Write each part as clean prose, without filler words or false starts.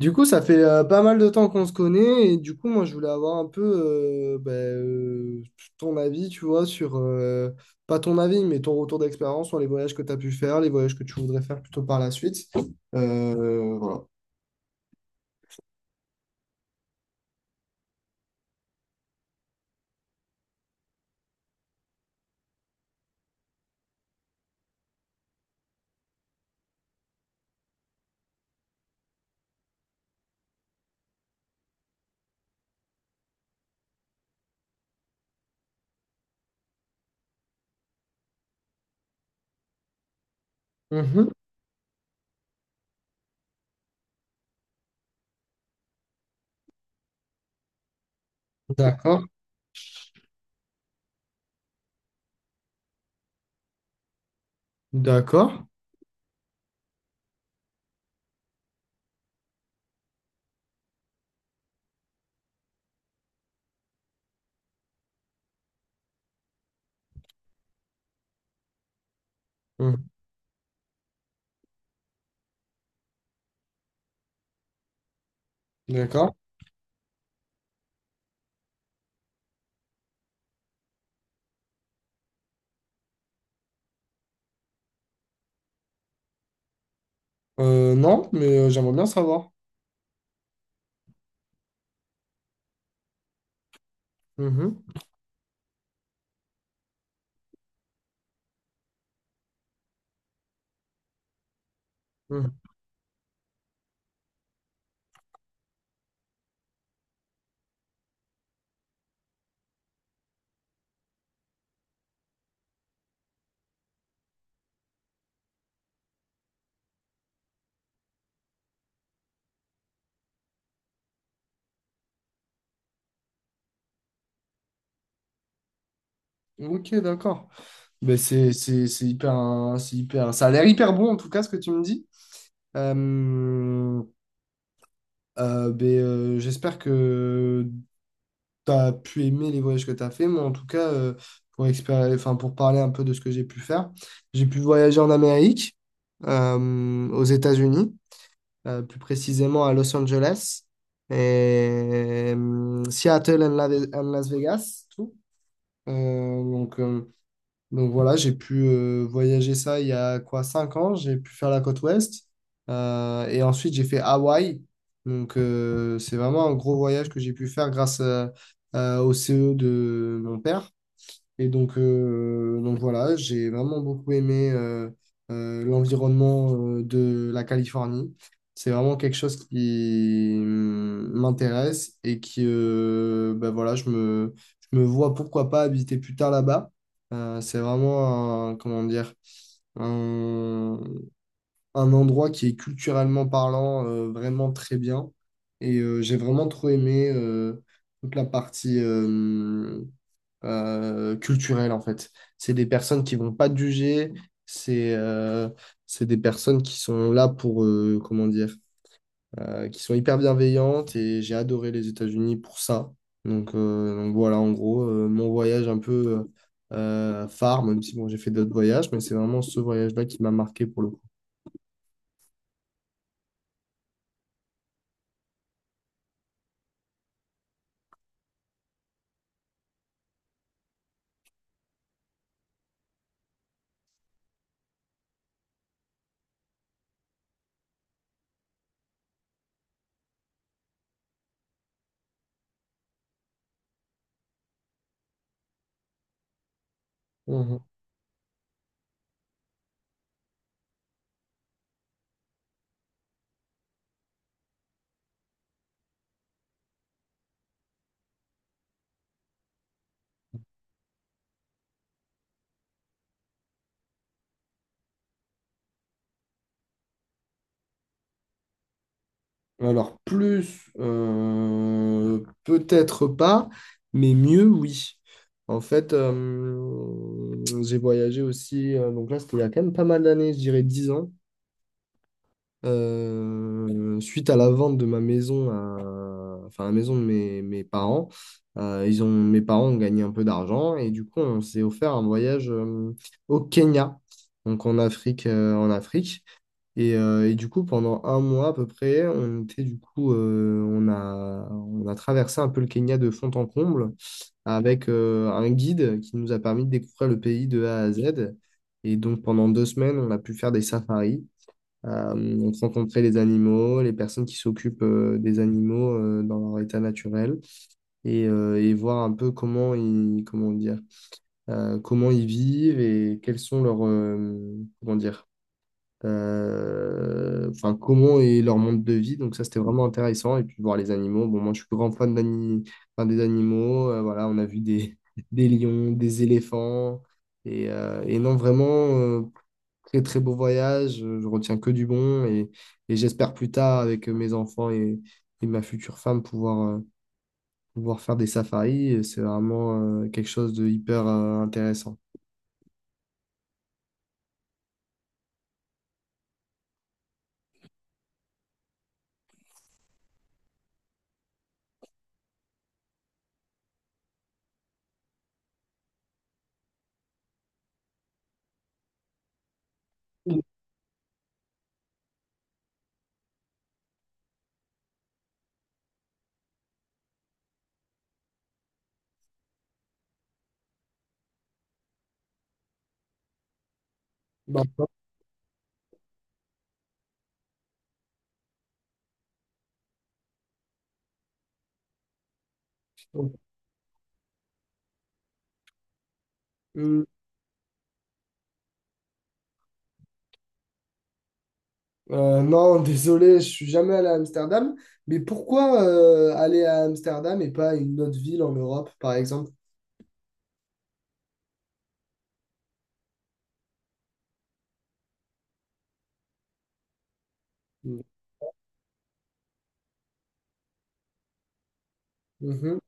Du coup, ça fait pas mal de temps qu'on se connaît et du coup, moi, je voulais avoir un peu ton avis, tu vois, sur, pas ton avis, mais ton retour d'expérience sur les voyages que tu as pu faire, les voyages que tu voudrais faire plutôt par la suite. Voilà. Mhm. D'accord. D'accord. Mhm. D'accord. Non, mais j'aimerais bien savoir. Mhm. Mhm. Ok, d'accord. Ben, c'est hyper, un- c'est hyper, ça a l'air hyper bon en tout cas ce que tu me dis. Euh, J'espère que tu as pu aimer les voyages que tu as fait. Moi, en tout cas, enfin, pour parler un peu de ce que j'ai pu faire, j'ai pu voyager en Amérique, aux États-Unis, plus précisément à Los Angeles, et, Seattle and, and Las Vegas, tout. Euh, donc, euh, donc voilà, j'ai pu voyager ça il y a quoi, 5 ans, j'ai pu faire la côte ouest. Et ensuite, j'ai fait Hawaï. Donc c'est vraiment un gros voyage que j'ai pu faire grâce au CE de mon père. Et donc voilà, j'ai vraiment beaucoup aimé l'environnement de la Californie. C'est vraiment quelque chose qui m'intéresse et qui, ben voilà, je me vois pourquoi pas habiter plus tard là-bas. C'est vraiment un, comment dire, un, un endroit qui est culturellement parlant vraiment très bien. J'ai vraiment trop aimé toute la partie, culturelle, en fait. C'est des personnes qui vont pas te juger, c'est euh, c'est des personnes qui sont là pour, comment dire, qui sont hyper bienveillantes et j'ai adoré les États-Unis pour ça. Donc voilà, en gros, mon voyage un peu phare, même si bon, j'ai fait d'autres voyages, mais c'est vraiment ce voyage-là qui m'a marqué pour le coup. Mhm. Alors, plus, peut-être pas, mais mieux, oui. En fait, j'ai voyagé aussi, donc là, c'était il y a quand même pas mal d'années, je dirais 10 ans, suite à la vente de ma maison, enfin, la maison de mes parents. Mes parents ont gagné un peu d'argent et du coup, on s'est offert un voyage au Kenya, donc en Afrique, en Afrique. Et du coup, pendant un mois à peu près, on était du coup, on a traversé un peu le Kenya de fond en comble avec un guide qui nous a permis de découvrir le pays de A à Z. Et donc pendant deux semaines, on a pu faire des safaris. On rencontrait les animaux, les personnes qui s'occupent des animaux dans leur état naturel et voir un peu comment ils, comment dire, comment ils vivent et quels sont leurs, comment dire, enfin, comment est leur monde de vie. Donc ça, c'était vraiment intéressant. Et puis voir les animaux. Bon, moi, je suis grand enfin, des animaux. Voilà, on a vu des, des lions, des éléphants. Et non, vraiment, euh, très, très beau voyage. Je retiens que du bon. Et j'espère plus tard, avec mes enfants et ma future femme, pouvoir, pouvoir faire des safaris. C'est vraiment, quelque chose de hyper, intéressant. Bah. Non, désolé, je suis jamais allé à Amsterdam. Mais pourquoi aller à Amsterdam et pas à une autre ville en Europe, par exemple? Mhm.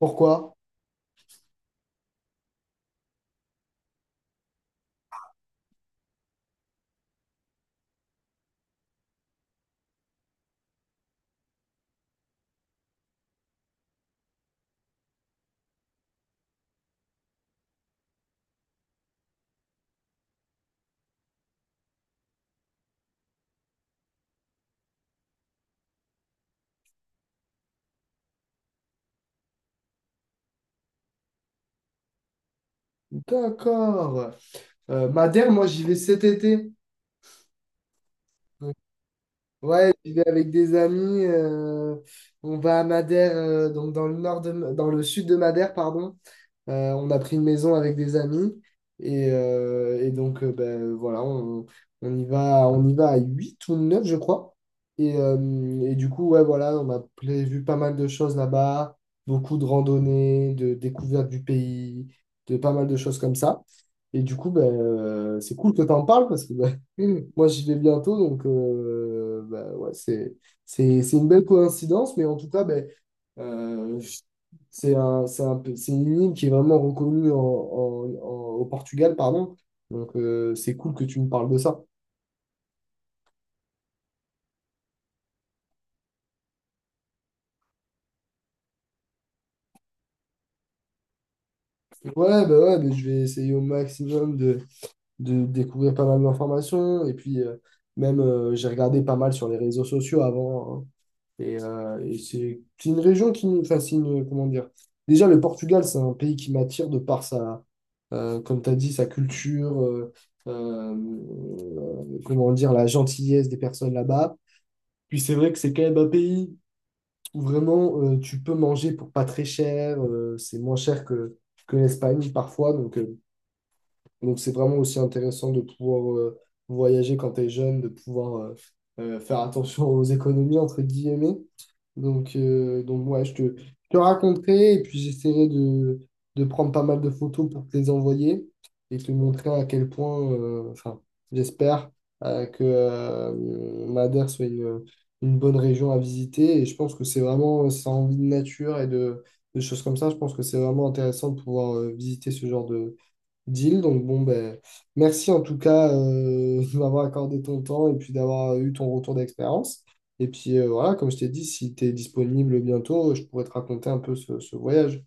Pourquoi? D'accord. Madère, moi, j'y vais cet été. Donc, ouais, j'y vais avec des amis. On va à Madère, donc dans le dans le sud de Madère, pardon. On a pris une maison avec des amis. Et donc, ben, voilà, on y va à 8 ou 9 je crois. Et, euh, et du coup, ouais, voilà, on a prévu pas mal de choses là-bas, beaucoup de randonnées, de découvertes du pays, de pas mal de choses comme ça. Et du coup, ben, c'est cool que tu en parles parce que ben, moi, j'y vais bientôt. Donc, ben, ouais, c'est une belle coïncidence. Mais en tout cas, ben, euh, c'est une île qui est vraiment reconnue au Portugal, pardon. Donc, c'est cool que tu me parles de ça. Ouais, bah ouais, mais je vais essayer au maximum de découvrir pas mal d'informations. Et puis, même, j'ai regardé pas mal sur les réseaux sociaux avant, hein. Et c'est une région qui nous fascine, comment dire. Déjà, le Portugal, c'est un pays qui m'attire de par sa, comme tu as dit, sa culture, comment dire, la gentillesse des personnes là-bas. Puis c'est vrai que c'est quand même un pays où vraiment tu peux manger pour pas très cher, c'est moins cher que l'Espagne parfois, donc et donc, c'est vraiment aussi intéressant de pouvoir voyager quand tu es jeune, de pouvoir faire attention aux économies, entre guillemets. Donc ouais, je te raconterai et puis j'essaierai de prendre pas mal de photos pour te les envoyer et te montrer à quel point, enfin, j'espère que Madère soit une bonne région à visiter. Et je pense que c'est vraiment, ça a envie de nature et de choses comme ça. Je pense que c'est vraiment intéressant de pouvoir visiter ce genre de, deal. Donc bon, ben, merci en tout cas de m'avoir accordé ton temps et puis d'avoir eu ton retour d'expérience. Et puis voilà, comme je t'ai dit, si tu es disponible bientôt, je pourrais te raconter un peu ce voyage.